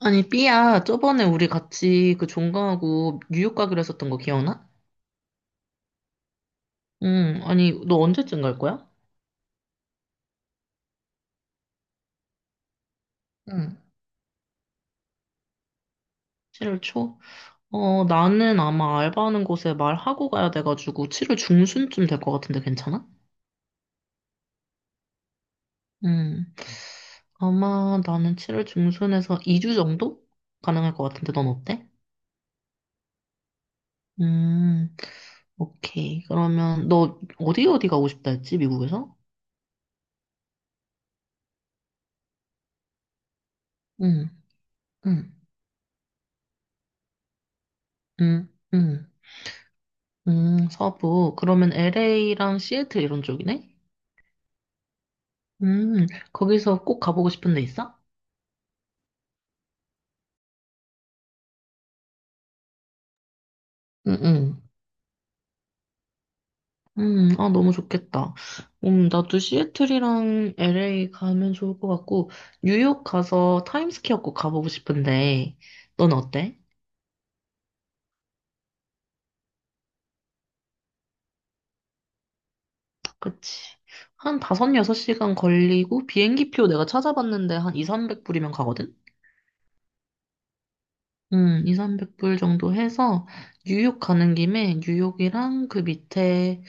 아니, 삐야, 저번에 우리 같이 그 종강하고 뉴욕 가기로 했었던 거 기억나? 응, 아니, 너 언제쯤 갈 거야? 응. 7월 초? 어, 나는 아마 알바하는 곳에 말하고 가야 돼가지고 7월 중순쯤 될 것 같은데 괜찮아? 응. 아마 나는 7월 중순에서 2주 정도? 가능할 것 같은데 넌 어때? 음, 오케이. 그러면 너 어디 어디 가고 싶다 했지, 미국에서? 응, 응. 응, 응. 서부. 그러면 LA랑 시애틀 이런 쪽이네? 음, 거기서 꼭 가보고 싶은 데 있어? 응, 응. 아, 너무 좋겠다. 나도 시애틀이랑 LA 가면 좋을 것 같고, 뉴욕 가서 타임스퀘어 꼭 가보고 싶은데, 넌 어때? 그치. 한 5, 6시간 걸리고, 비행기 표 내가 찾아봤는데 한 2, 300불이면 가거든? 2, 300불 정도 해서, 뉴욕 가는 김에 뉴욕이랑 그 밑에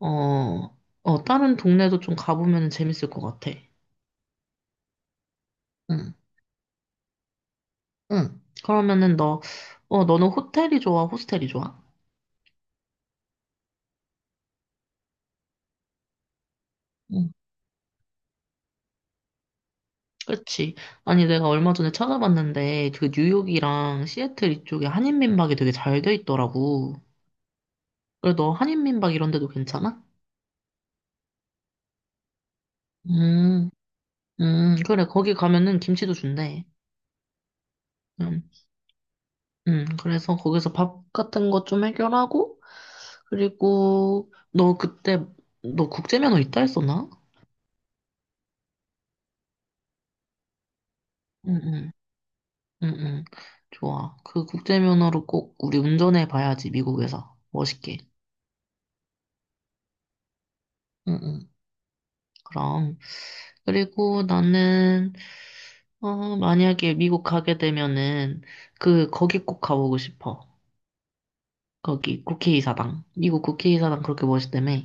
어, 어, 다른 동네도 좀 가보면 재밌을 것 같아. 응, 응. 그러면은 너, 너는 호텔이 좋아, 호스텔이 좋아? 응. 그치. 아니, 내가 얼마 전에 찾아봤는데, 그 뉴욕이랑 시애틀 이쪽에 한인민박이 되게 잘 돼 있더라고. 그래, 너 한인민박 이런 데도 괜찮아? 음, 그래, 거기 가면은 김치도 준대. 음, 그래서 거기서 밥 같은 거 좀 해결하고, 그리고 너 그때, 너 국제면허 있다 했었나? 응응, 응응. 좋아. 그 국제 면허로 꼭 우리 운전해 봐야지, 미국에서. 멋있게. 응응. 그럼. 그리고 나는, 만약에 미국 가게 되면은, 그, 거기 꼭 가보고 싶어. 거기, 국회의사당. 미국 국회의사당 그렇게 멋있다며.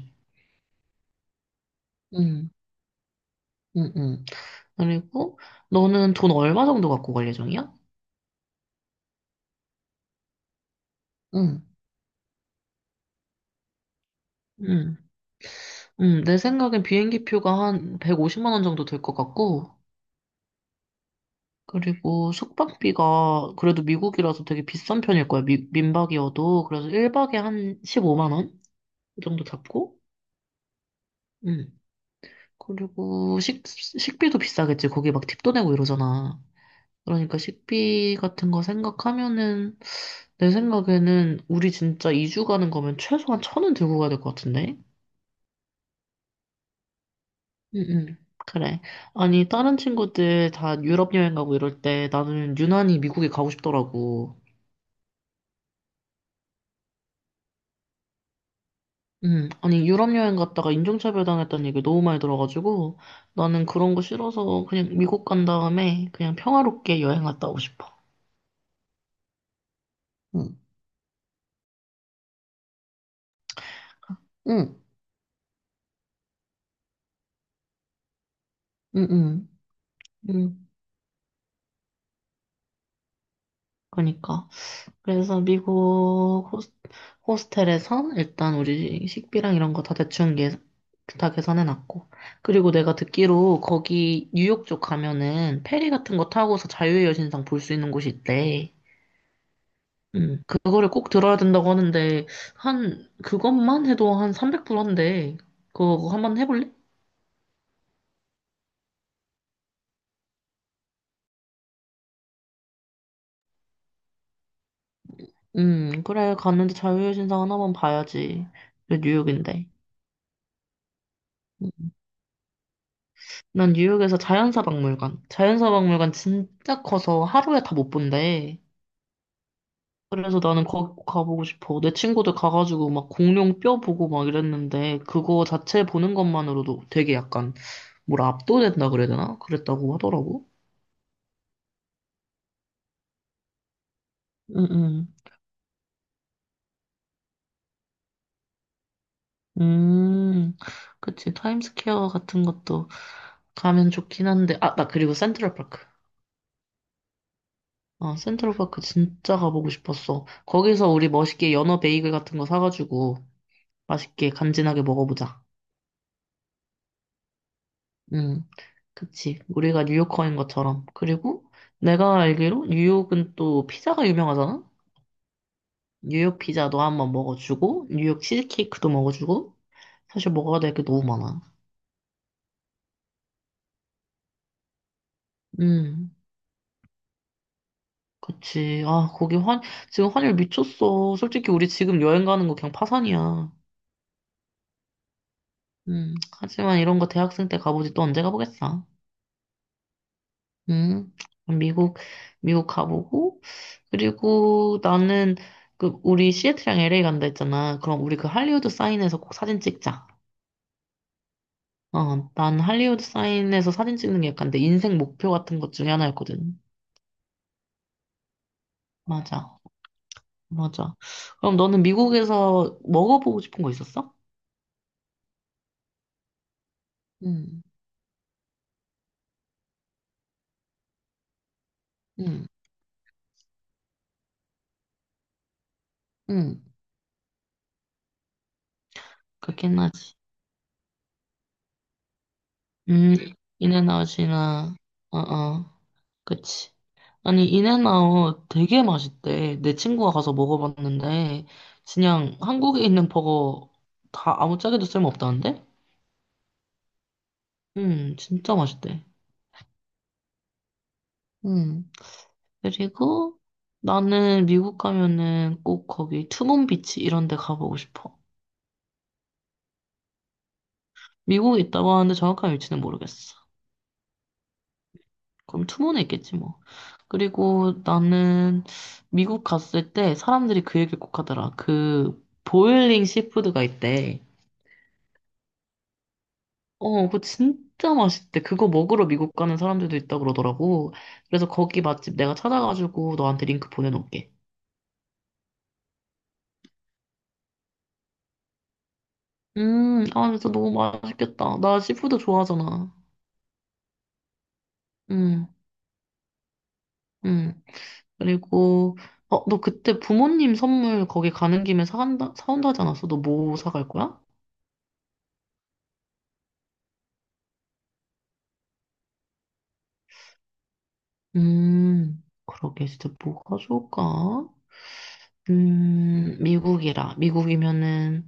응, 응, 응. 그리고, 너는 돈 얼마 정도 갖고 갈 예정이야? 응, 응, 응. 내 생각엔 비행기 표가 한 150만 원 정도 될 것 같고, 그리고 숙박비가 그래도 미국이라서 되게 비싼 편일 거야. 민박이어도. 그래서 1박에 한 15만 원? 그 정도 잡고. 음. 그리고 식비도 비싸겠지. 거기 막 팁도 내고 이러잖아. 그러니까 식비 같은 거 생각하면은 내 생각에는 우리 진짜 2주 가는 거면 최소한 1,000원 들고 가야 될 것 같은데? 응, 응. 그래. 아니, 다른 친구들 다 유럽 여행 가고 이럴 때 나는 유난히 미국에 가고 싶더라고. 아니, 유럽 여행 갔다가 인종차별 당했다는 얘기 너무 많이 들어가지고, 나는 그런 거 싫어서 그냥 미국 간 다음에 그냥 평화롭게 여행 갔다 오고 싶어. 응, 응, 응, 응. 응, 그러니까. 그래서 호스텔에서 일단 우리 식비랑 이런 거 다 대충 다 계산해 놨고. 그리고 내가 듣기로 거기 뉴욕 쪽 가면은 페리 같은 거 타고서 자유의 여신상 볼 수 있는 곳이 있대. 음. 그거를 꼭 들어야 된다고 하는데, 한, 그것만 해도 한 300불 한대. 그거 한번 해볼래? 그래. 갔는데 자유의 신상 하나만 봐야지. 그래, 뉴욕인데. 난 뉴욕에서 자연사 박물관. 자연사 박물관 진짜 커서 하루에 다 못 본대. 그래서 나는 거기 꼭 가보고 싶어. 내 친구들 가가지고 막 공룡 뼈 보고 막 이랬는데, 그거 자체 보는 것만으로도 되게 약간, 뭐라 압도된다 그래야 되나? 그랬다고 하더라고. 응응. 음, 그치. 타임스퀘어 같은 것도 가면 좋긴 한데, 아, 나 그리고 센트럴파크. 아, 센트럴파크 진짜 가보고 싶었어. 거기서 우리 멋있게 연어 베이글 같은 거 사가지고 맛있게 간지나게 먹어보자. 응. 그치. 우리가 뉴요커인 것처럼. 그리고 내가 알기로 뉴욕은 또 피자가 유명하잖아? 뉴욕 피자도 한번 먹어주고, 뉴욕 치즈케이크도 먹어주고, 사실 먹어야 될 게 너무 많아. 음. 그치. 지금 환율 미쳤어. 솔직히 우리 지금 여행 가는 거 그냥 파산이야. 하지만 이런 거 대학생 때 가보지 또 언제 가보겠어. 음, 미국, 미국 가보고, 그리고 나는 그, 우리 시애틀이랑 LA 간다 했잖아. 그럼 우리 그 할리우드 사인에서 꼭 사진 찍자. 어, 난 할리우드 사인에서 사진 찍는 게 약간 내 인생 목표 같은 것 중에 하나였거든. 맞아. 맞아. 그럼 너는 미국에서 먹어보고 싶은 거 있었어? 응, 응, 응. 그렇긴 하지. 음, 인앤아웃이나, 어, 어, 그치. 아니, 인앤아웃 되게 맛있대. 내 친구가 가서 먹어봤는데, 그냥 한국에 있는 버거 다 아무 짝에도 쓸모없다는데? 진짜 맛있대. 음, 그리고 나는 미국 가면은 꼭 거기 투몬비치 이런 데 가보고 싶어. 미국에 있다고 하는데 정확한 위치는 모르겠어. 그럼 투모는 있겠지 뭐. 그리고 나는 미국 갔을 때 사람들이 그 얘기를 꼭 하더라. 그 보일링 시푸드가 있대. 어, 그거 진짜 맛있대. 그거 먹으러 미국 가는 사람들도 있다 그러더라고. 그래서 거기 맛집 내가 찾아가지고 너한테 링크 보내놓을게. 아, 진짜 너무 맛있겠다. 나 시푸드 좋아하잖아. 음, 음. 그리고, 너 그때 부모님 선물 거기 가는 김에 사간다, 사온다 하지 않았어? 너 뭐 사갈 거야? 그러게, 진짜 뭐가 좋을까? 미국이라. 미국이면은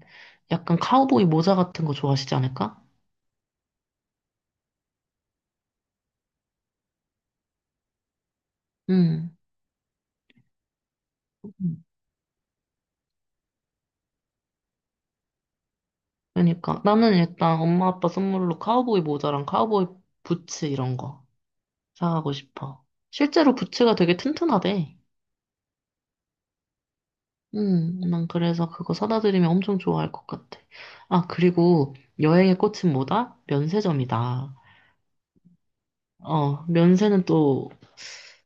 약간 카우보이 모자 같은 거 좋아하시지 않을까? 음, 음. 그러니까. 나는 일단 엄마 아빠 선물로 카우보이 모자랑 카우보이 부츠 이런 거 사가고 싶어. 실제로 부츠가 되게 튼튼하대. 난 그래서 그거 사다 드리면 엄청 좋아할 것 같아. 아, 그리고 여행의 꽃은 뭐다? 면세점이다. 어, 면세는 또,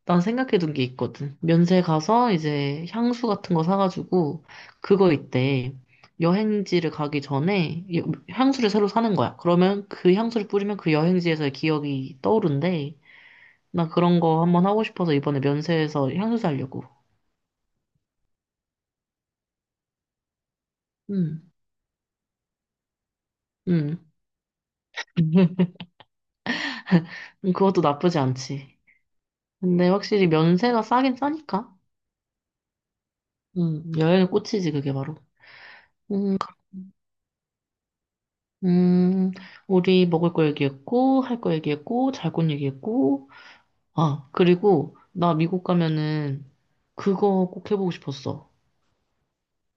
난 생각해둔 게 있거든. 면세 가서 이제 향수 같은 거 사가지고, 그거 있대. 여행지를 가기 전에 향수를 새로 사는 거야. 그러면 그 향수를 뿌리면 그 여행지에서의 기억이 떠오른대. 나 그런 거 한번 하고 싶어서 이번에 면세에서 향수 사려고. 응, 응. 그것도 나쁘지 않지. 근데 확실히 면세가 싸긴 싸니까. 응, 여행의 꽃이지, 그게 바로. 음. 음, 우리 먹을 거 얘기했고, 할 거 얘기했고, 잘 곳 얘기했고, 아, 그리고 나 미국 가면은 그거 꼭 해보고 싶었어.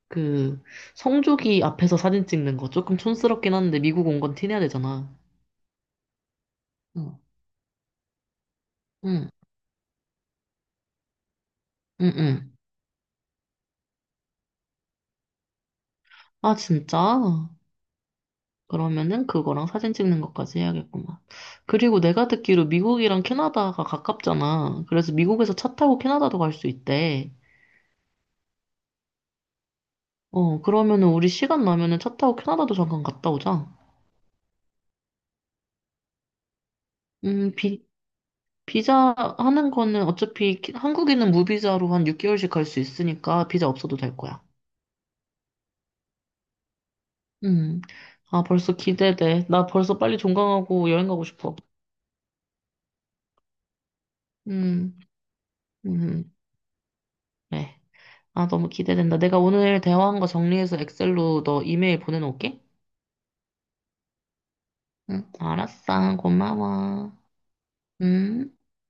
그, 성조기 앞에서 사진 찍는 거 조금 촌스럽긴 한데 미국 온 건 티내야 되잖아. 응, 응, 응, 응. 아, 진짜? 그러면은 그거랑 사진 찍는 것까지 해야겠구만. 그리고 내가 듣기로 미국이랑 캐나다가 가깝잖아. 그래서 미국에서 차 타고 캐나다도 갈 수 있대. 어, 그러면은 우리 시간 나면은 차 타고 캐나다도 잠깐 갔다 오자. 음, 비, 비자 하는 거는 어차피 한국인은 무비자로 한 6개월씩 갈 수 있으니까 비자 없어도 될 거야. 음. 아, 벌써 기대돼. 나 벌써 빨리 종강하고 여행 가고 싶어. 음, 음, 네. 아, 너무 기대된다. 내가 오늘 대화한 거 정리해서 엑셀로 너 이메일 보내놓을게. 응, 알았어. 고마워. 음.